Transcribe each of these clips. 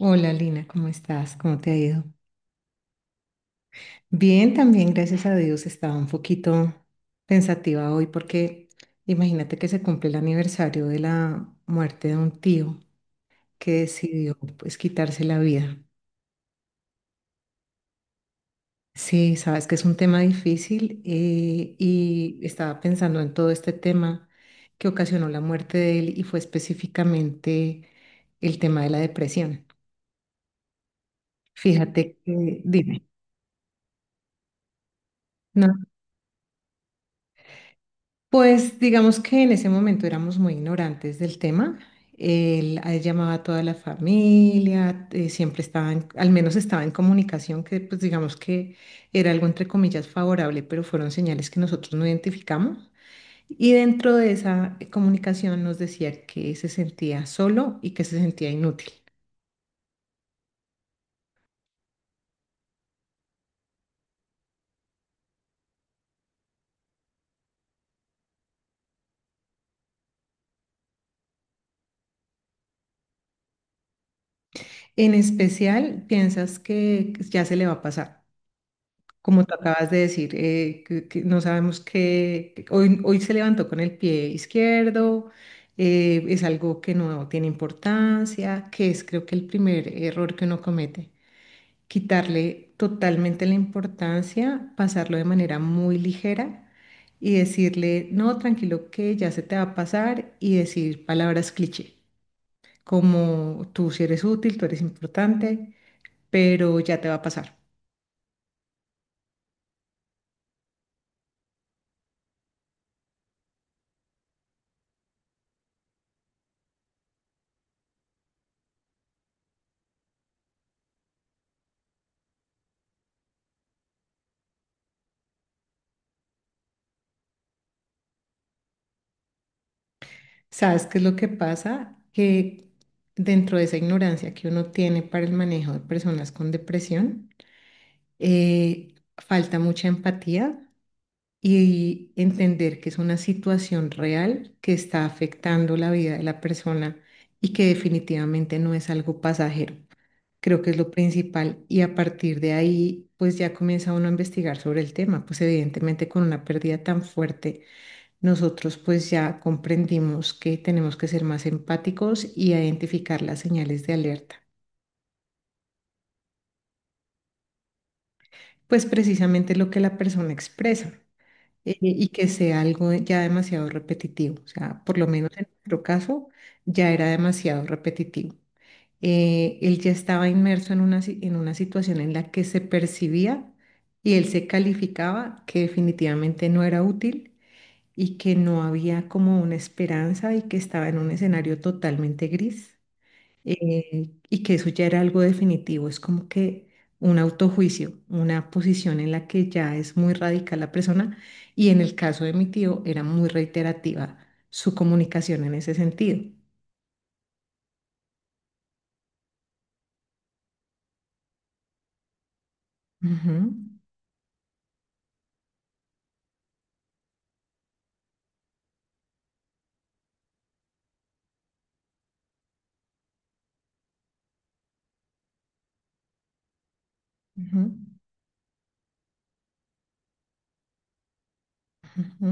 Hola Lina, ¿cómo estás? ¿Cómo te ha ido? Bien, también gracias a Dios. Estaba un poquito pensativa hoy porque imagínate que se cumple el aniversario de la muerte de un tío que decidió pues quitarse la vida. Sí, sabes que es un tema difícil y estaba pensando en todo este tema que ocasionó la muerte de él, y fue específicamente el tema de la depresión. Fíjate que, dime, ¿no? Pues digamos que en ese momento éramos muy ignorantes del tema. A él llamaba a toda la familia, siempre estaba, al menos estaba en comunicación, que pues digamos que era algo entre comillas favorable, pero fueron señales que nosotros no identificamos. Y dentro de esa comunicación nos decía que se sentía solo y que se sentía inútil. En especial, piensas que ya se le va a pasar, como tú acabas de decir, que no sabemos qué, que hoy se levantó con el pie izquierdo, es algo que no tiene importancia, que es, creo que el primer error que uno comete, quitarle totalmente la importancia, pasarlo de manera muy ligera y decirle, no, tranquilo, que ya se te va a pasar, y decir palabras cliché, como tú si eres útil, tú eres importante, pero ya te va a pasar. ¿Sabes qué es lo que pasa? Que dentro de esa ignorancia que uno tiene para el manejo de personas con depresión, falta mucha empatía y entender que es una situación real que está afectando la vida de la persona y que definitivamente no es algo pasajero. Creo que es lo principal, y a partir de ahí, pues ya comienza uno a investigar sobre el tema. Pues evidentemente, con una pérdida tan fuerte, nosotros pues ya comprendimos que tenemos que ser más empáticos y identificar las señales de alerta. Pues precisamente lo que la persona expresa, y que sea algo ya demasiado repetitivo. O sea, por lo menos en nuestro caso ya era demasiado repetitivo. Él ya estaba inmerso en una, en una situación en la que se percibía y él se calificaba que definitivamente no era útil y que no había como una esperanza y que estaba en un escenario totalmente gris. Y que eso ya era algo definitivo, es como que un autojuicio, una posición en la que ya es muy radical la persona, y en el caso de mi tío era muy reiterativa su comunicación en ese sentido. Ujú, ujú, ujú.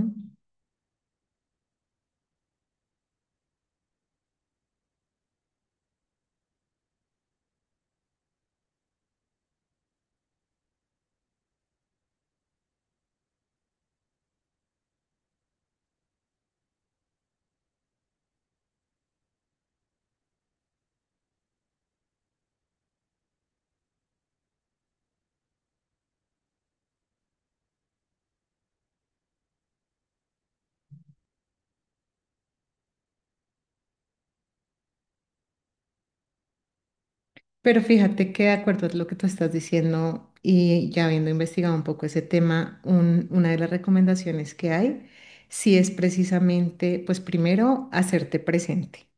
Pero fíjate que de acuerdo a lo que tú estás diciendo, y ya habiendo investigado un poco ese tema, una de las recomendaciones que hay, sí es precisamente, pues primero, hacerte presente.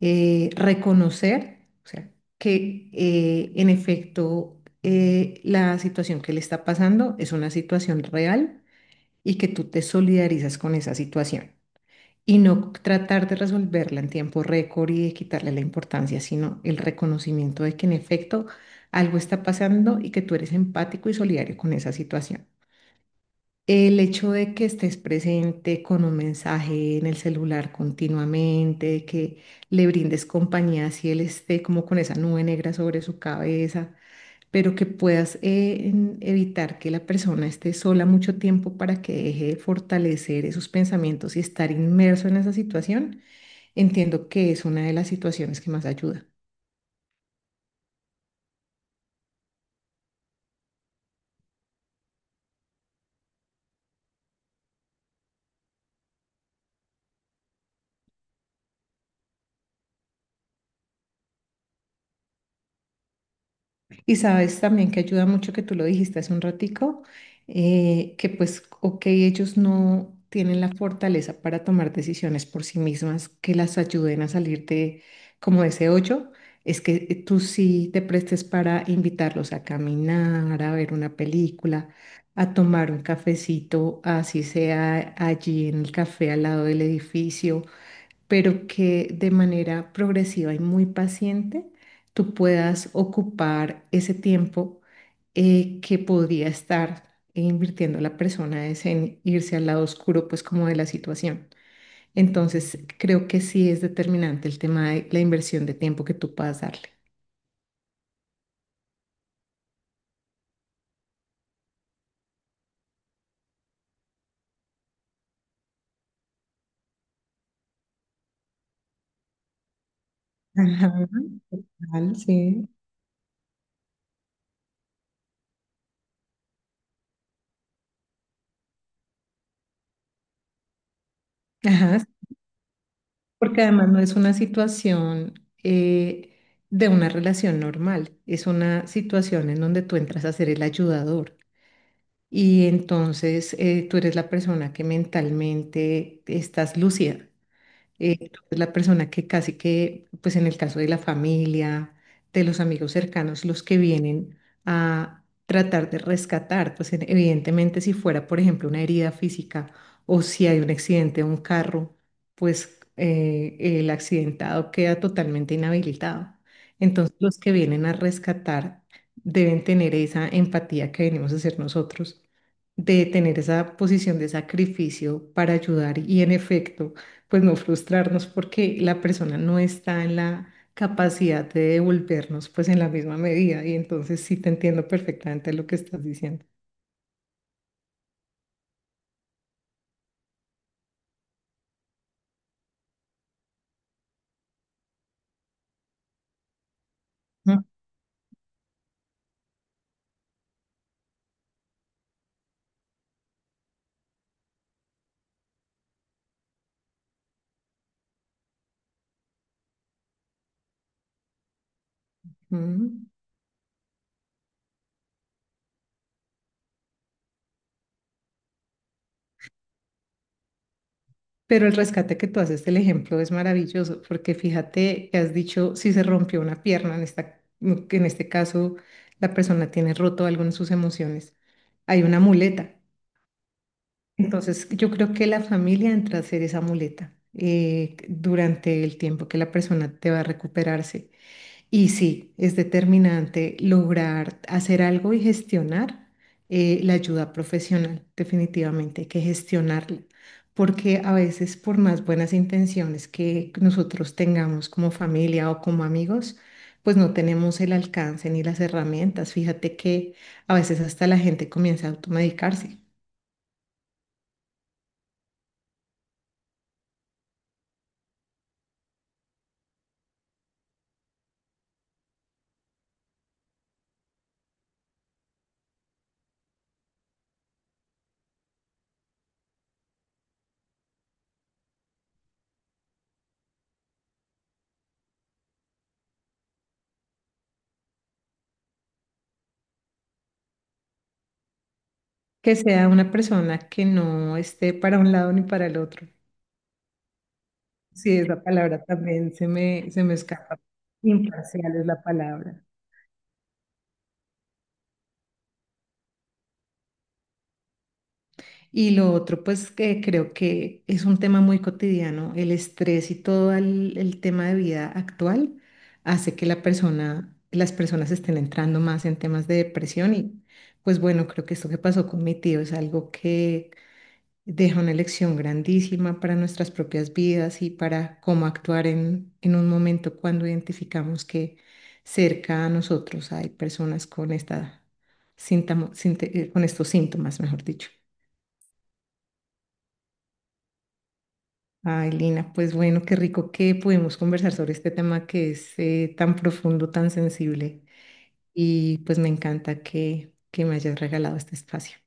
Reconocer, o sea, que en efecto, la situación que le está pasando es una situación real y que tú te solidarizas con esa situación. Y no tratar de resolverla en tiempo récord y de quitarle la importancia, sino el reconocimiento de que en efecto algo está pasando y que tú eres empático y solidario con esa situación. El hecho de que estés presente con un mensaje en el celular continuamente, de que le brindes compañía si él esté como con esa nube negra sobre su cabeza, pero que puedas evitar que la persona esté sola mucho tiempo para que deje de fortalecer esos pensamientos y estar inmerso en esa situación, entiendo que es una de las situaciones que más ayuda. Y sabes también que ayuda mucho, que tú lo dijiste hace un ratico, que pues, ok, ellos no tienen la fortaleza para tomar decisiones por sí mismas que las ayuden a salir de como de ese hoyo, es que tú sí te prestes para invitarlos a caminar, a ver una película, a tomar un cafecito, así sea allí en el café al lado del edificio, pero que de manera progresiva y muy paciente tú puedas ocupar ese tiempo que podría estar invirtiendo la persona, es en irse al lado oscuro, pues como de la situación. Entonces, creo que sí es determinante el tema de la inversión de tiempo que tú puedas darle. Ajá, vale, sí. Ajá, sí, porque además no es una situación eh, de una relación normal, es una situación en donde tú entras a ser el ayudador. Y entonces tú eres la persona que mentalmente estás lúcida. Tú eres la persona que casi que, pues en el caso de la familia, de los amigos cercanos, los que vienen a tratar de rescatar, pues evidentemente si fuera, por ejemplo, una herida física, o si hay un accidente de un carro, pues el accidentado queda totalmente inhabilitado. Entonces los que vienen a rescatar deben tener esa empatía que venimos a hacer nosotros, de tener esa posición de sacrificio para ayudar, y en efecto pues no frustrarnos porque la persona no está en la capacidad de devolvernos pues en la misma medida. Y entonces sí te entiendo perfectamente lo que estás diciendo. Ujú. Pero el rescate que tú haces del ejemplo es maravilloso, porque fíjate que has dicho si se rompió una pierna, en esta, que en este caso la persona tiene roto algo en sus emociones, hay una muleta. Entonces yo creo que la familia entra a ser esa muleta durante el tiempo que la persona te va a recuperarse. Y sí, es determinante lograr hacer algo y gestionar la ayuda profesional. Definitivamente hay que gestionarla, porque a veces por más buenas intenciones que nosotros tengamos como familia o como amigos, pues no tenemos el alcance ni las herramientas. Fíjate que a veces hasta la gente comienza a automedicarse, que sea una persona que no esté para un lado ni para el otro. Sí, esa palabra también se me escapa. Imparcial es la palabra. Y lo otro, pues que creo que es un tema muy cotidiano, el estrés y todo el tema de vida actual hace que las personas estén entrando más en temas de depresión. Y pues bueno, creo que esto que pasó con mi tío es algo que deja una lección grandísima para nuestras propias vidas y para cómo actuar en un momento cuando identificamos que cerca a nosotros hay personas con esta con estos síntomas, mejor dicho. Ay, Lina, pues bueno, qué rico que pudimos conversar sobre este tema que es tan profundo, tan sensible, y pues me encanta que me hayas regalado este espacio.